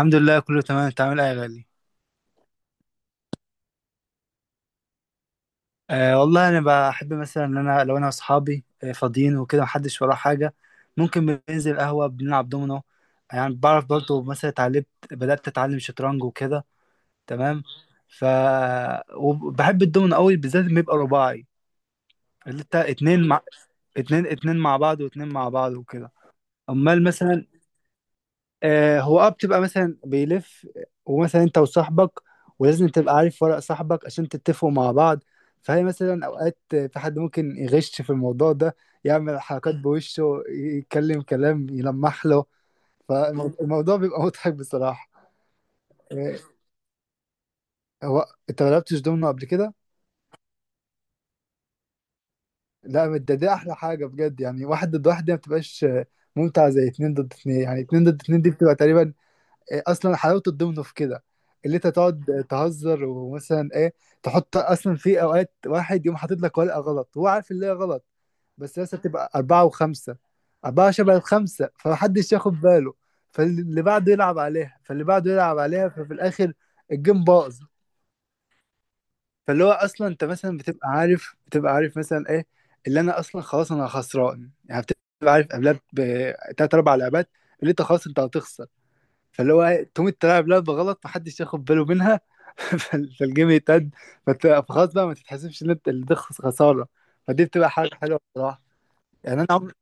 الحمد لله، كله تمام. انت عامل ايه يا غالي؟ والله انا بحب، مثلا، ان انا لو انا واصحابي فاضيين وكده، محدش وراه حاجه، ممكن بننزل قهوه بنلعب دومينو. يعني بعرف برضه مثلا اتعلمت، بدات اتعلم شطرنج وكده. تمام. ف وبحب الدومينو قوي، بالذات لما يبقى رباعي، اللي انت اتنين مع اتنين، اتنين مع بعض واتنين مع بعض وكده. امال مثلا هو بتبقى مثلا بيلف، ومثلا انت وصاحبك، ولازم تبقى عارف ورق صاحبك عشان تتفقوا مع بعض، فهي مثلا اوقات في حد ممكن يغش في الموضوع ده، يعمل حركات بوشه، يتكلم كلام، يلمح له، فالموضوع بيبقى مضحك بصراحة. آه، هو انت ما لعبتش دومينو قبل كده؟ لا، ده دي احلى حاجة بجد، يعني واحد ضد واحد دي ما بتبقاش ممتعة زي اتنين ضد اتنين. يعني اتنين ضد اتنين دي بتبقى تقريبا إيه، اصلا حلاوه الضمن في كده، اللي انت تقعد تهزر ومثلا ايه، تحط، اصلا في اوقات واحد يقوم حاطط لك ورقه غلط، هو عارف اللي هي غلط، بس لسه بتبقى اربعه وخمسه، اربعه شبه الخمسه، فمحدش ياخد باله، فاللي بعده يلعب عليها ففي الاخر الجيم باظ. فاللي هو اصلا انت مثلا بتبقى عارف مثلا ايه اللي انا اصلا خلاص انا خسران، يعني بتبقى عارف قبلها بثلاث اربع لعبات اللي انت خلاص انت هتخسر، فاللي هو تقوم تلعب لعبة غلط محدش ياخد باله منها. فالجيم يتقد. فخلاص بقى ما تتحسبش ان انت اللي ده خسارة، فدي بتبقى حاجة حلوة بصراحة. يعني انا عمري،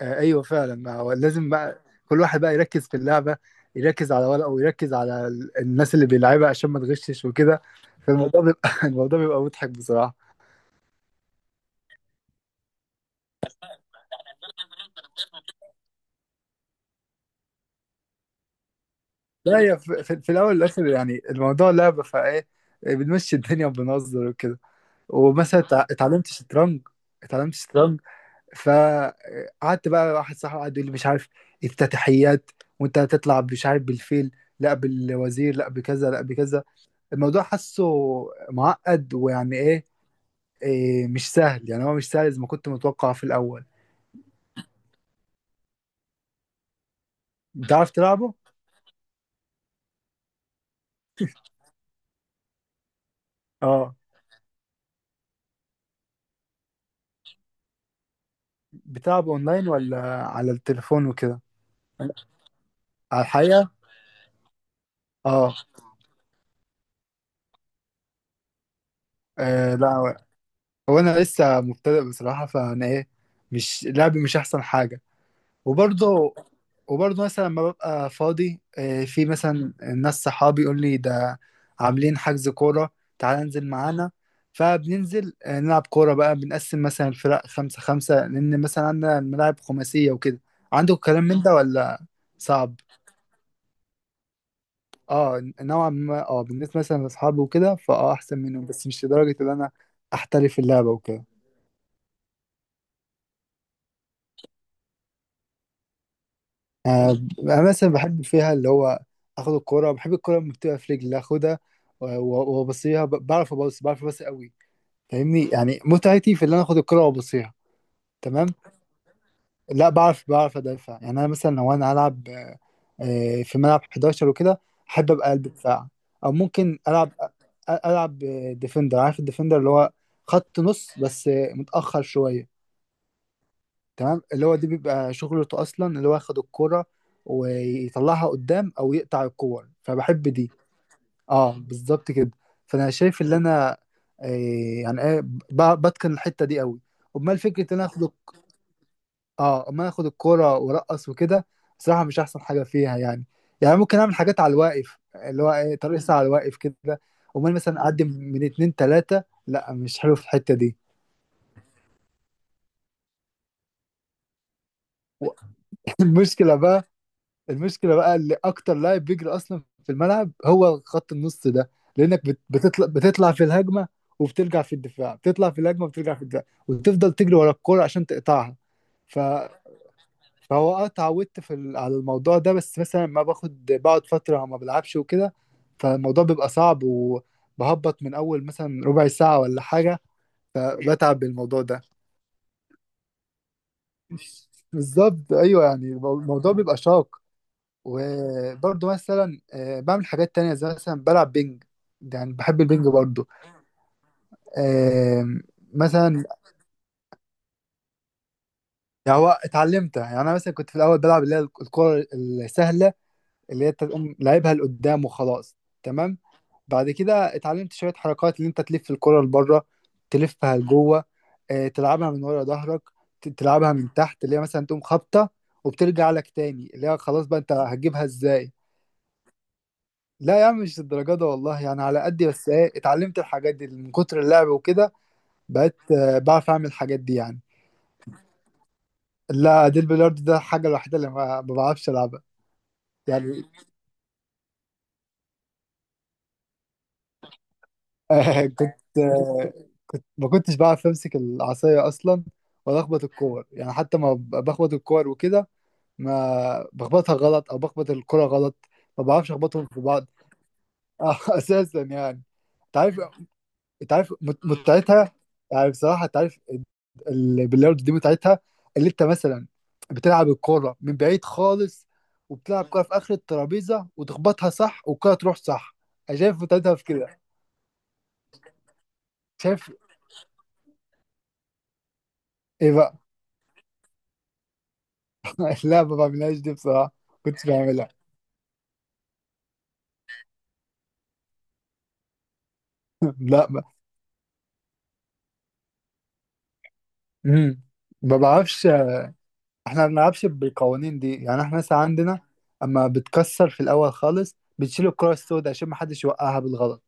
ايوه فعلا، ما هو لازم بقى كل واحد بقى يركز في اللعبة، يركز على ورقه ويركز على الناس اللي بيلعبها عشان ما تغشش وكده. فالموضوع بيبقى الموضوع بيبقى مضحك بصراحة. لا، هي في الاول والاخر، يعني الموضوع لعبة، فايه، بنمشي الدنيا وبنهزر وكده. ومثلا اتعلمت شطرنج. اتعلمت شطرنج. فقعدت بقى، واحد صاحبي قعد يقول لي مش عارف افتتاحيات، وانت هتطلع مش عارف بالفيل، لا بالوزير، لا بكذا لا بكذا. الموضوع حاسه معقد، ويعني ايه، إيه، مش سهل يعني، هو مش سهل زي ما كنت متوقع في الاول. بتعرف تلعبه؟ اه. بتلعبه اونلاين ولا على التليفون وكده؟ على الحقيقة. اه. لا، هو انا لسه مبتدئ بصراحة، فانا ايه، مش لعبي مش احسن حاجة. وبرضه، وبرضه مثلا لما ببقى فاضي في مثلا ناس صحابي يقول لي ده عاملين حجز كورة، تعال انزل معانا. فبننزل نلعب كورة بقى، بنقسم مثلا الفرق خمسة خمسة، لأن مثلا عندنا الملاعب خماسية وكده. عندك الكلام من ده ولا صعب؟ اه، نوعا ما. اه بالنسبة مثلا لأصحابي وكده، فاه أحسن منهم، بس مش لدرجة إن أنا أحترف اللعبة وكده. انا مثلا بحب فيها اللي هو اخد الكرة. بحب الكرة لما بتبقى في رجلي اخدها وابصيها، بعرف ابص، بعرف ابص قوي، فاهمني. يعني متعتي في اللي انا اخد الكرة وابصيها. تمام. لا، بعرف، بعرف ادافع. يعني انا مثلا لو انا هلعب في ملعب 11 وكده، احب ابقى قلب دفاع، او ممكن العب، العب ديفندر، عارف الديفندر، اللي هو خط نص بس متاخر شوية. تمام. اللي هو دي بيبقى شغلته اصلا، اللي هو ياخد الكرة ويطلعها قدام او يقطع الكور، فبحب دي. اه، بالظبط كده. فانا شايف ان انا آه يعني ايه، بتقن الحتة دي قوي. امال فكرة ان انا اخد، اه امال اخد الكرة وارقص وكده، بصراحة مش احسن حاجة فيها يعني. يعني ممكن اعمل حاجات على الواقف اللي هو ايه، ترقص على الواقف كده. امال مثلا اعدي من اتنين تلاتة، لا مش حلو في الحتة دي. المشكلة بقى، المشكله بقى اللي اكتر لاعب بيجري اصلا في الملعب هو خط النص ده. لانك بتطلع في الهجمه وبترجع في الدفاع، بتطلع في الهجمه وبترجع في الدفاع، وتفضل تجري ورا الكوره عشان تقطعها. ف... فهو اه اتعودت على الموضوع ده، بس مثلا ما باخد، بقعد فتره ما بلعبش وكده، فالموضوع بيبقى صعب وبهبط من اول مثلا ربع ساعه ولا حاجه، فبتعب بالموضوع ده. بالظبط، ايوه، يعني الموضوع بيبقى شاق. وبرضه مثلا بعمل حاجات تانية زي مثلا بلعب بينج. يعني بحب البينج برضه. آم، مثلا، يعني هو اتعلمتها. يعني انا مثلا كنت في الاول بلعب اللي هي الكرة السهلة، اللي هي تقوم لعبها لقدام وخلاص. تمام. بعد كده اتعلمت شوية حركات، اللي انت تلف الكرة لبره، تلفها لجوه، تلعبها من ورا ظهرك، تلعبها من تحت، اللي هي مثلا تقوم خابطة وبترجع لك تاني، اللي هي خلاص بقى انت هتجيبها ازاي. لا يا عم، مش الدرجة ده والله، يعني على قدي، بس ايه، اتعلمت الحاجات دي من كتر اللعب وكده، بقيت بعرف اعمل الحاجات دي يعني. لا، دي البلياردو ده الحاجة الوحيدة اللي ما بعرفش العبها. يعني كنت آه، كنت ما كنتش بعرف امسك العصاية اصلا ولا اخبط الكور، يعني حتى ما بخبط الكور وكده، ما بخبطها غلط او بخبط الكرة غلط، ما بعرفش اخبطهم في بعض. اساسا يعني. انت عارف، انت عارف متعتها، يعني بصراحه انت عارف، باللاود دي متعتها، اللي انت مثلا بتلعب الكوره من بعيد خالص، وبتلعب كوره في اخر الترابيزه وتخبطها صح والكوره تروح صح، انا شايف متعتها في كده. شايف. ايه بقى. لا ما بعملهاش دي بصراحه. كنتش بعملها. لا ما. امم، ما بعرفش. احنا ما بنلعبش بالقوانين دي، يعني احنا مثلا عندنا، اما بتكسر في الاول خالص بتشيل الكره السوداء عشان ما حدش يوقعها بالغلط.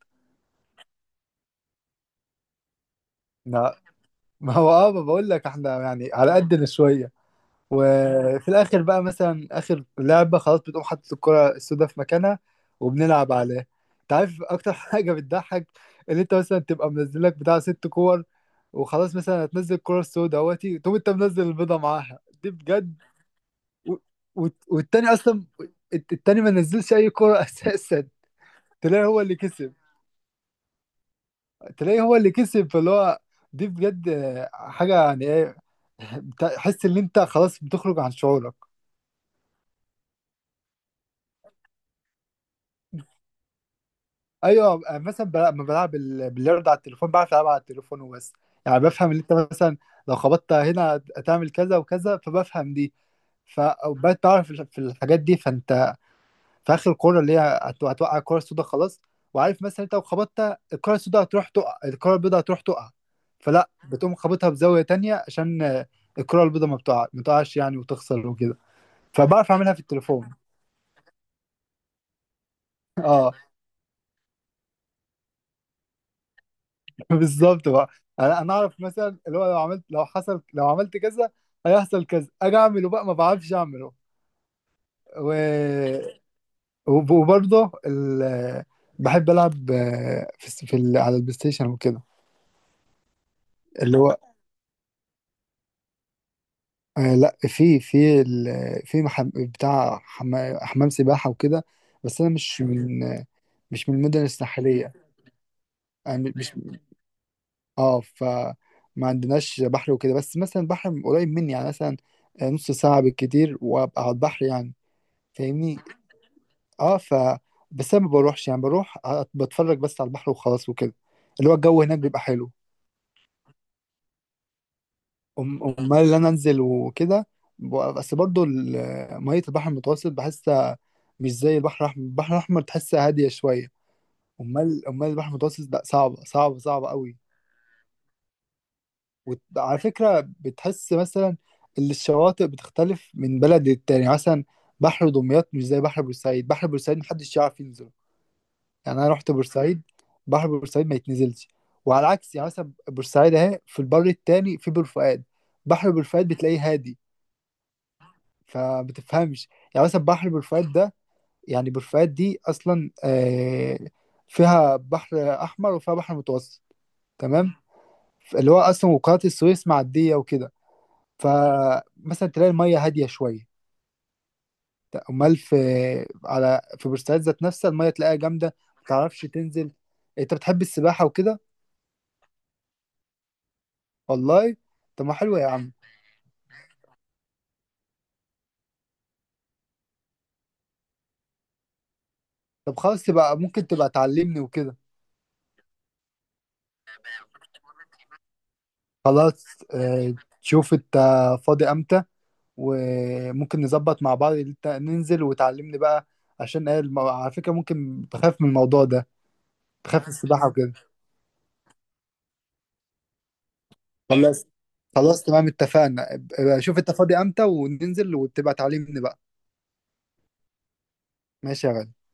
ما هو اه، ما بقول لك احنا يعني على قدنا شويه، وفي الاخر بقى مثلا اخر لعبه خلاص بتقوم حاطط الكره السوداء في مكانها وبنلعب عليها. انت عارف اكتر حاجه بتضحك، ان انت مثلا تبقى منزل لك بتاع ست كور وخلاص، مثلا هتنزل الكره السوداء اهوتي، تقوم انت منزل البيضه معاها، دي بجد. و... والتاني اصلا، التاني ما نزلش اي كره اساسا، طلع هو اللي كسب. تلاقيه هو اللي كسب، فاللي هو دي بجد حاجة يعني ايه، تحس ان انت خلاص بتخرج عن شعورك. ايوه مثلا لما بلعب باليرد على التليفون، بعرف العب على التليفون وبس، يعني بفهم ان انت مثلا لو خبطت هنا هتعمل كذا وكذا، فبفهم دي. فبقيت بعرف في الحاجات دي، فانت في اخر الكوره اللي هي هتوقع الكوره السوداء خلاص، وعارف مثلا انت لو خبطت الكوره السوداء هتروح تقع الكوره البيضاء هتروح تقع، فلا بتقوم خابطها بزاويه تانية عشان الكوره البيضاء ما بتقع، ما تقعش يعني وتخسر وكده، فبعرف اعملها في التليفون. اه. بالظبط بقى. انا اعرف مثلا اللي هو لو عملت، لو حصل، لو عملت كذا هيحصل كذا، اجي اعمله بقى ما بعرفش اعمله. و... وبرضه بحب العب في على البلاي ستيشن وكده. اللي هو لا، في، في في بتاع حمام سباحة وكده. بس انا مش من، مش من المدن الساحلية. مش، اه فما عندناش بحر وكده، بس مثلا بحر قريب مني يعني مثلا نص ساعة بالكتير وابقى على البحر يعني، فاهمني. اه ف، بس انا ما بروحش يعني، بروح بتفرج بس على البحر وخلاص وكده، اللي هو الجو هناك بيبقى حلو. امال اللي انا انزل وكده، بس برضو ميه البحر المتوسط بحسها مش زي البحر الاحمر، البحر الاحمر تحسها هاديه شويه، امال امال البحر المتوسط لا، صعبه صعبه صعبه قوي. وعلى فكره بتحس مثلا ان الشواطئ بتختلف من بلد للتاني، مثلا بحر دمياط مش زي بحر بورسعيد، بحر بورسعيد محدش يعرف ينزله، يعني انا رحت بورسعيد بحر بورسعيد ما يتنزلش. وعلى العكس، يعني مثلا بورسعيد اهي في البر التاني في بور فؤاد، بحر بور فؤاد بتلاقيه هادي، فبتفهمش، يعني مثلا بحر بورفؤاد ده، يعني بورفؤاد دي اصلا فيها بحر احمر وفيها بحر متوسط، تمام، اللي هو اصلا وقناة السويس معدية وكده، فمثلا تلاقي المية هادية شوية. امال في، على في بورسعيد ذات نفسها المية تلاقيها جامدة، متعرفش تنزل. انت بتحب السباحة وكده؟ والله، طب ما حلوة يا عم. طب خلاص، تبقى ممكن تبقى تعلمني وكده. خلاص. آه، شوف انت فاضي امتى، وممكن نظبط مع بعض إنت ننزل وتعلمني بقى. عشان ايه على فكرة ممكن بخاف من الموضوع ده، بخاف من السباحة وكده. خلاص. خلاص تمام اتفقنا، ابقى شوف انت فاضي امتى وننزل وتبقى تعلمني بقى. ماشي يا غالي.